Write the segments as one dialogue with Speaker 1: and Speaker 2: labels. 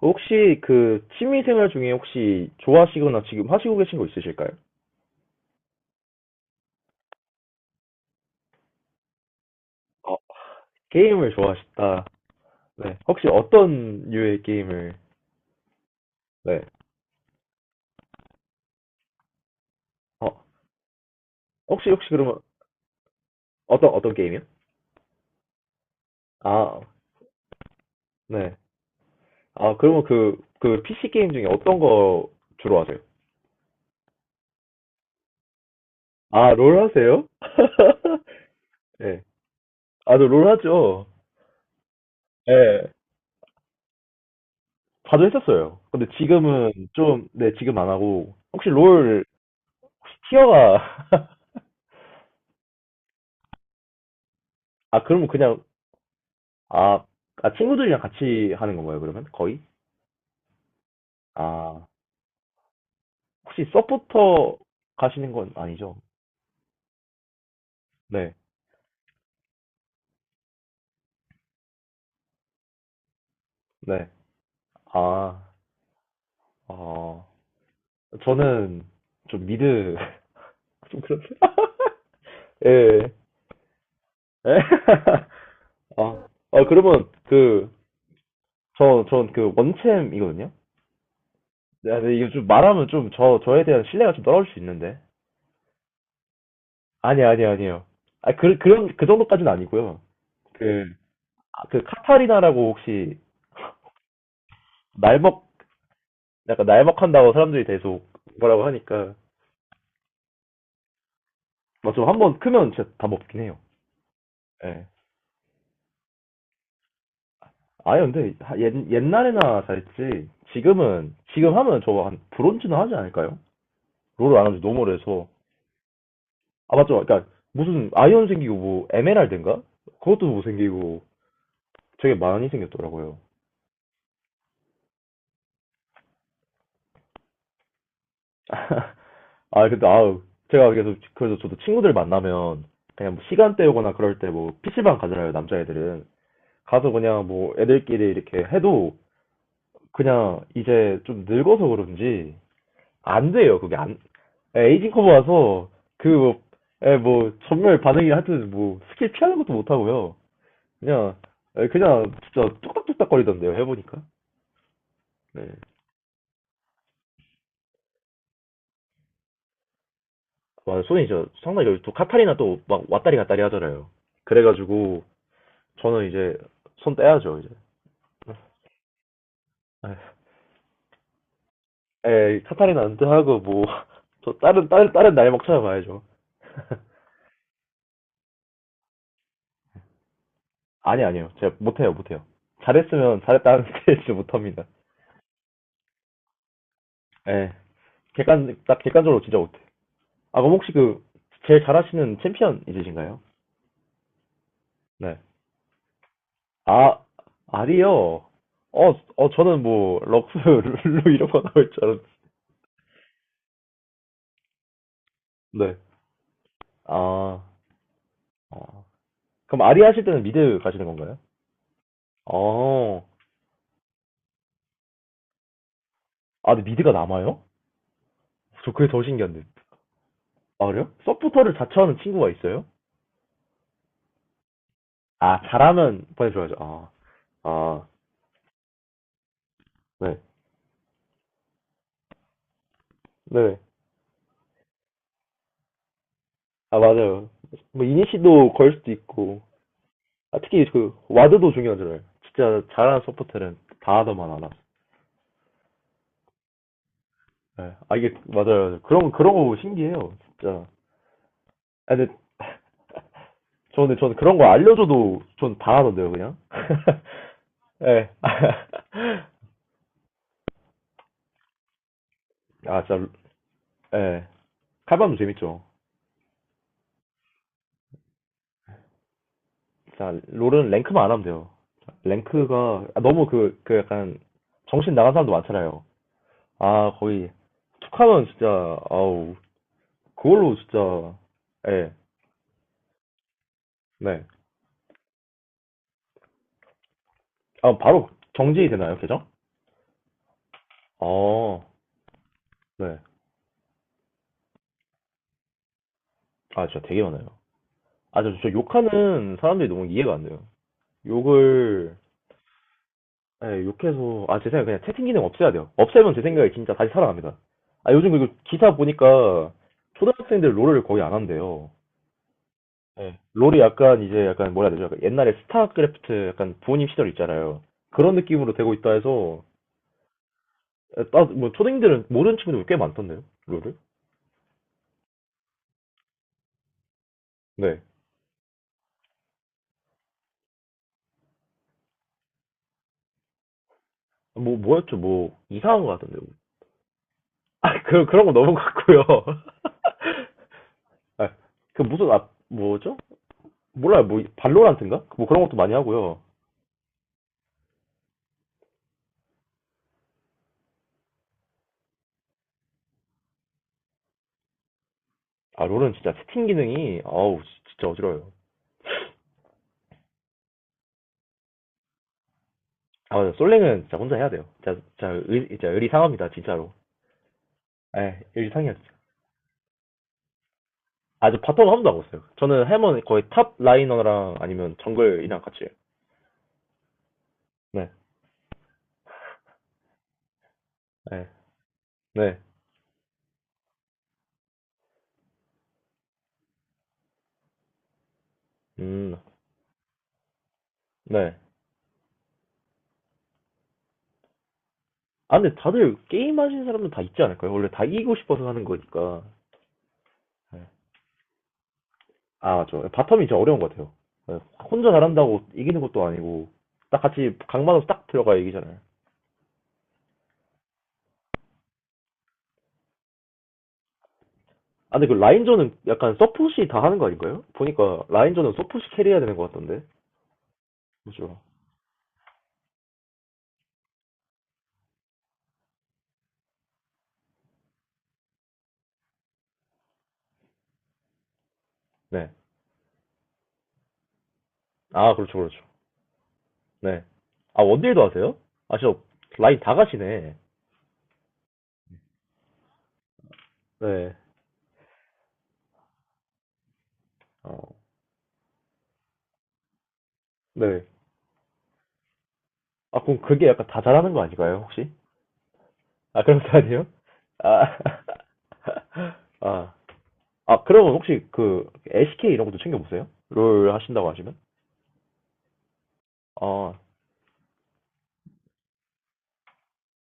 Speaker 1: 혹시 그 취미생활 중에 혹시 좋아하시거나 지금 하시고 계신 거 있으실까요? 어, 게임을 좋아하시다. 네. 혹시 어떤 류의 게임을, 네. 어, 혹시 그러면 어떤 게임이요? 아, 네. 아, 그러면 그 PC 게임 중에 어떤 거 주로 하세요? 아, 롤 하세요? 네. 아, 저롤 하죠. 네. 자주 했었어요. 근데 지금은 좀, 네, 지금 안 하고. 혹시 롤, 혹시 티어가, 아, 그러면 그냥 아, 아, 친구들이랑 같이 하는 건가요, 그러면? 거의? 아, 혹시 서포터 가시는 건 아니죠? 네, 네. 아, 어, 저는 좀 미드, 좀 그런데? 예, 예. 예. 아, 아, 그러면 그, 전 그 원챔이거든요? 네, 근데 이거 좀 말하면 좀 저에 대한 신뢰가 좀 떨어질 수 있는데. 아니, 아니, 아니에요. 아, 그 정도까지는 아니고요. 그, 아, 그 카타리나라고 혹시 날먹 약간 날먹한다고 사람들이 계속 뭐라고 하니까 맞죠. 한번 크면 진짜 다 먹긴 해요. 예. 아니 근데 옛날에나 잘했지 지금은 지금 하면 저거 한 브론즈는 하지 않을까요? 롤을 안 한지 너무 오래서 아 맞죠. 그러니까 무슨 아이언 생기고 뭐 에메랄드인가? 그것도 못 생기고 되게 많이 생겼더라고요. 아 근데 아우 제가 계속 그래서 저도 친구들 만나면 그냥 뭐 시간 때우거나 그럴 때 뭐 PC방 가잖아요 남자애들은. 가서 그냥 뭐 애들끼리 이렇게 해도 그냥 이제 좀 늙어서 그런지 안 돼요. 그게 안 에이징 커버 와서 그뭐 뭐 예, 뭐 전멸 반응이 하여튼 뭐 스킬 피하는 것도 못 하고요. 그냥 에, 그냥 진짜 뚝딱뚝딱 거리던데요. 해보니까. 네. 와, 손이 저 상당히 여기 또 카타리나 또 막 왔다리 갔다리 하잖아요. 그래가지고 저는 이제 손 떼야죠 이제. 에 카타리나 은퇴하고 뭐 저 다른 날 먹 찾아봐야죠. 아니, 아니요. 제가 못해요, 못해요. 잘했으면 잘했다는 스테이지 못합니다. 예. 객관, 딱 객관적으로 진짜 못해. 아, 그럼 혹시 그, 제일 잘하시는 챔피언 있으신가요? 네. 아, 아리요. 어, 어, 저는 뭐, 럭스, 룰루 이런 거 나올 줄 알았는데. 네. 아, 어. 그럼 아리 하실 때는 미드 가시는 건가요? 어, 아, 근데 미드가 남아요? 저 그게 더 신기한데. 아, 그래요? 서포터를 자처하는 친구가 있어요? 아, 잘하면 보내줘야죠. 아, 아, 네. 네. 아, 맞아요. 뭐, 이니시도 걸 수도 있고, 아, 특히 그, 와드도 중요하잖아요. 진짜 잘하는 서포터는 다 하더만 알아. 네. 아, 이게, 맞아요. 맞아요. 그런 거 신기해요, 진짜. 아, 근데 저는 그런 거 알려줘도 전 다 하던데요, 그냥. 예. 아, 진짜, 예. 칼밤도 재밌죠. 자, 롤은 랭크만 안 하면 돼요. 랭크가, 아, 너무 그 약간, 정신 나간 사람도 많잖아요. 아, 거의, 툭 하면 진짜, 아우, 그걸로 진짜 예. 네. 아 바로 정지되나요, 계정? 아. 네. 아, 진짜 되게 많아요. 아, 저 욕하는 사람들이 너무 이해가 안 돼요. 욕을 예, 욕해서 아, 제 생각에 그냥 채팅 기능 없애야 돼요. 없애면 제 생각에 진짜 다시 살아납니다. 아, 요즘 그리고 기사 보니까 초등학생들 롤을 거의 안 한대요. 예. 롤이 약간 이제 약간 뭐라 해야 되죠? 약간 옛날에 스타크래프트 약간 부모님 시절 있잖아요. 그런 느낌으로 되고 있다 해서 따, 뭐초생들은 모르는 친구들 꽤 많던데요, 롤을? 네. 뭐, 뭐였죠? 뭐, 이상한 거 같은데. 아, 그, 그런 거 너무 같고요. 아, 그 무슨, 아, 뭐죠? 몰라요. 뭐, 발로란트인가? 뭐 그런 것도 많이 하고요. 아, 롤은 진짜 채팅 기능이, 아우, 진짜 어지러워요. 아, 솔랭은 진짜 혼자 해야 돼요. 진짜, 진짜, 의, 진짜 의리상합니다, 진짜로. 에, 의리상해요 진짜. 아, 저 바텀 한 번도 안 봤어요. 저는 해머는 거의 탑 라이너랑 아니면 정글이랑 같이 해요. 네, 네, 네, 음, 네. 아, 근데 다들 게임 하시는 사람은 다 있지 않을까요? 원래 다 이기고 싶어서 하는 거니까. 네. 아, 저 바텀이 진짜 어려운 것 같아요. 네, 혼자 잘한다고 이기는 것도 아니고 딱 같이 각 맞아서 딱 들어가야 이기잖아요. 아, 근데 그 라인전은 약간 서폿이 다 하는 거 아닌가요? 보니까 라인전은 서폿이 캐리해야 되는 것 같던데. 그렇죠. 네. 아, 그렇죠, 그렇죠. 네. 아, 원딜도 하세요? 아, 저 라인 다 가시네. 네. 어, 네. 아, 그럼 그게 약간 다 잘하는 거 아닌가요, 혹시? 아, 그아니에요 아, 아, 아, 그러면 혹시 그 LCK 이런 것도 챙겨 보세요? 롤 하신다고 하시면? 아,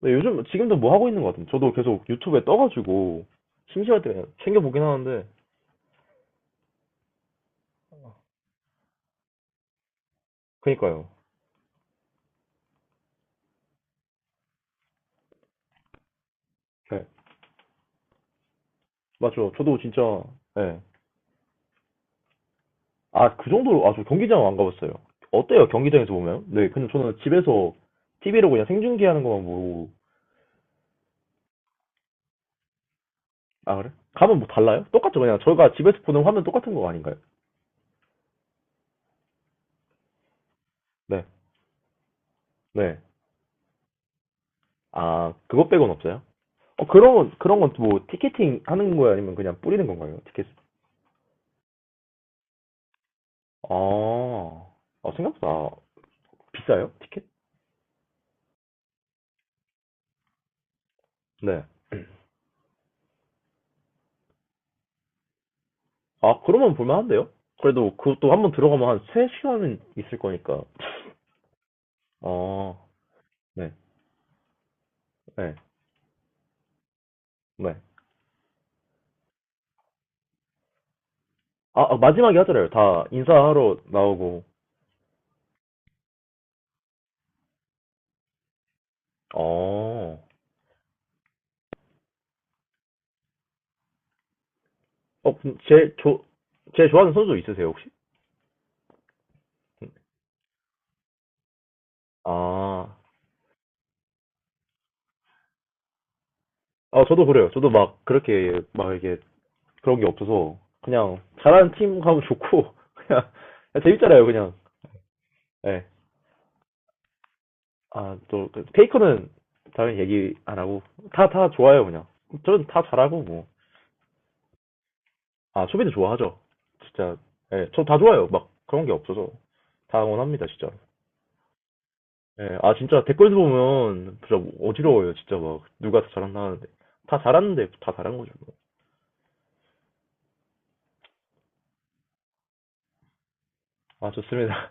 Speaker 1: 근데 요즘 지금도 뭐 하고 있는 것 같은데 저도 계속 유튜브에 떠가지고 심심할 때 챙겨 보긴 하는데 그니까요. 네, 맞죠. 저도 진짜 네. 아, 그 정도로 아, 저 경기장 안 가봤어요. 어때요? 경기장에서 보면? 네, 근데 저는 집에서 TV로 그냥 생중계하는 것만 보고 아, 그래? 가면 뭐 달라요? 똑같죠. 그냥 저희가 집에서 보는 화면 똑같은 거 아닌가요? 네, 네. 아, 그것 빼곤 없어요? 어, 그런 건 뭐, 티켓팅 하는 거예요? 아니면 그냥 뿌리는 건가요? 티켓? 아, 아, 생각보다 비싸요? 티켓? 네. 아, 그러면 볼만한데요? 그래도 그것도 한번 들어가면 한 3시간은 있을 거니까. 아, 네, 네, 네. 아, 아, 마지막에 하잖아요. 다 인사하러 나오고. 어, 어, 제 좋아하는 선수 있으세요, 혹시? 아, 아, 저도 그래요. 저도 막 그렇게 막 이게 그런 게 없어서 그냥 잘하는 팀 가면 좋고 그냥, 재밌잖아요 그냥 예. 아또 페이커는 당연히 얘기 안 하고 다 좋아요 그냥 저는 다 잘하고 뭐 아 수비도 좋아하죠 진짜 예. 저 다 좋아요 막 그런 게 없어서 다 응원합니다 진짜 예, 아 진짜 댓글도 보면 진짜 어지러워요 진짜 막 누가 더 잘한다 하는데 다 잘하는데 다 잘한 거죠 뭐. 아 좋습니다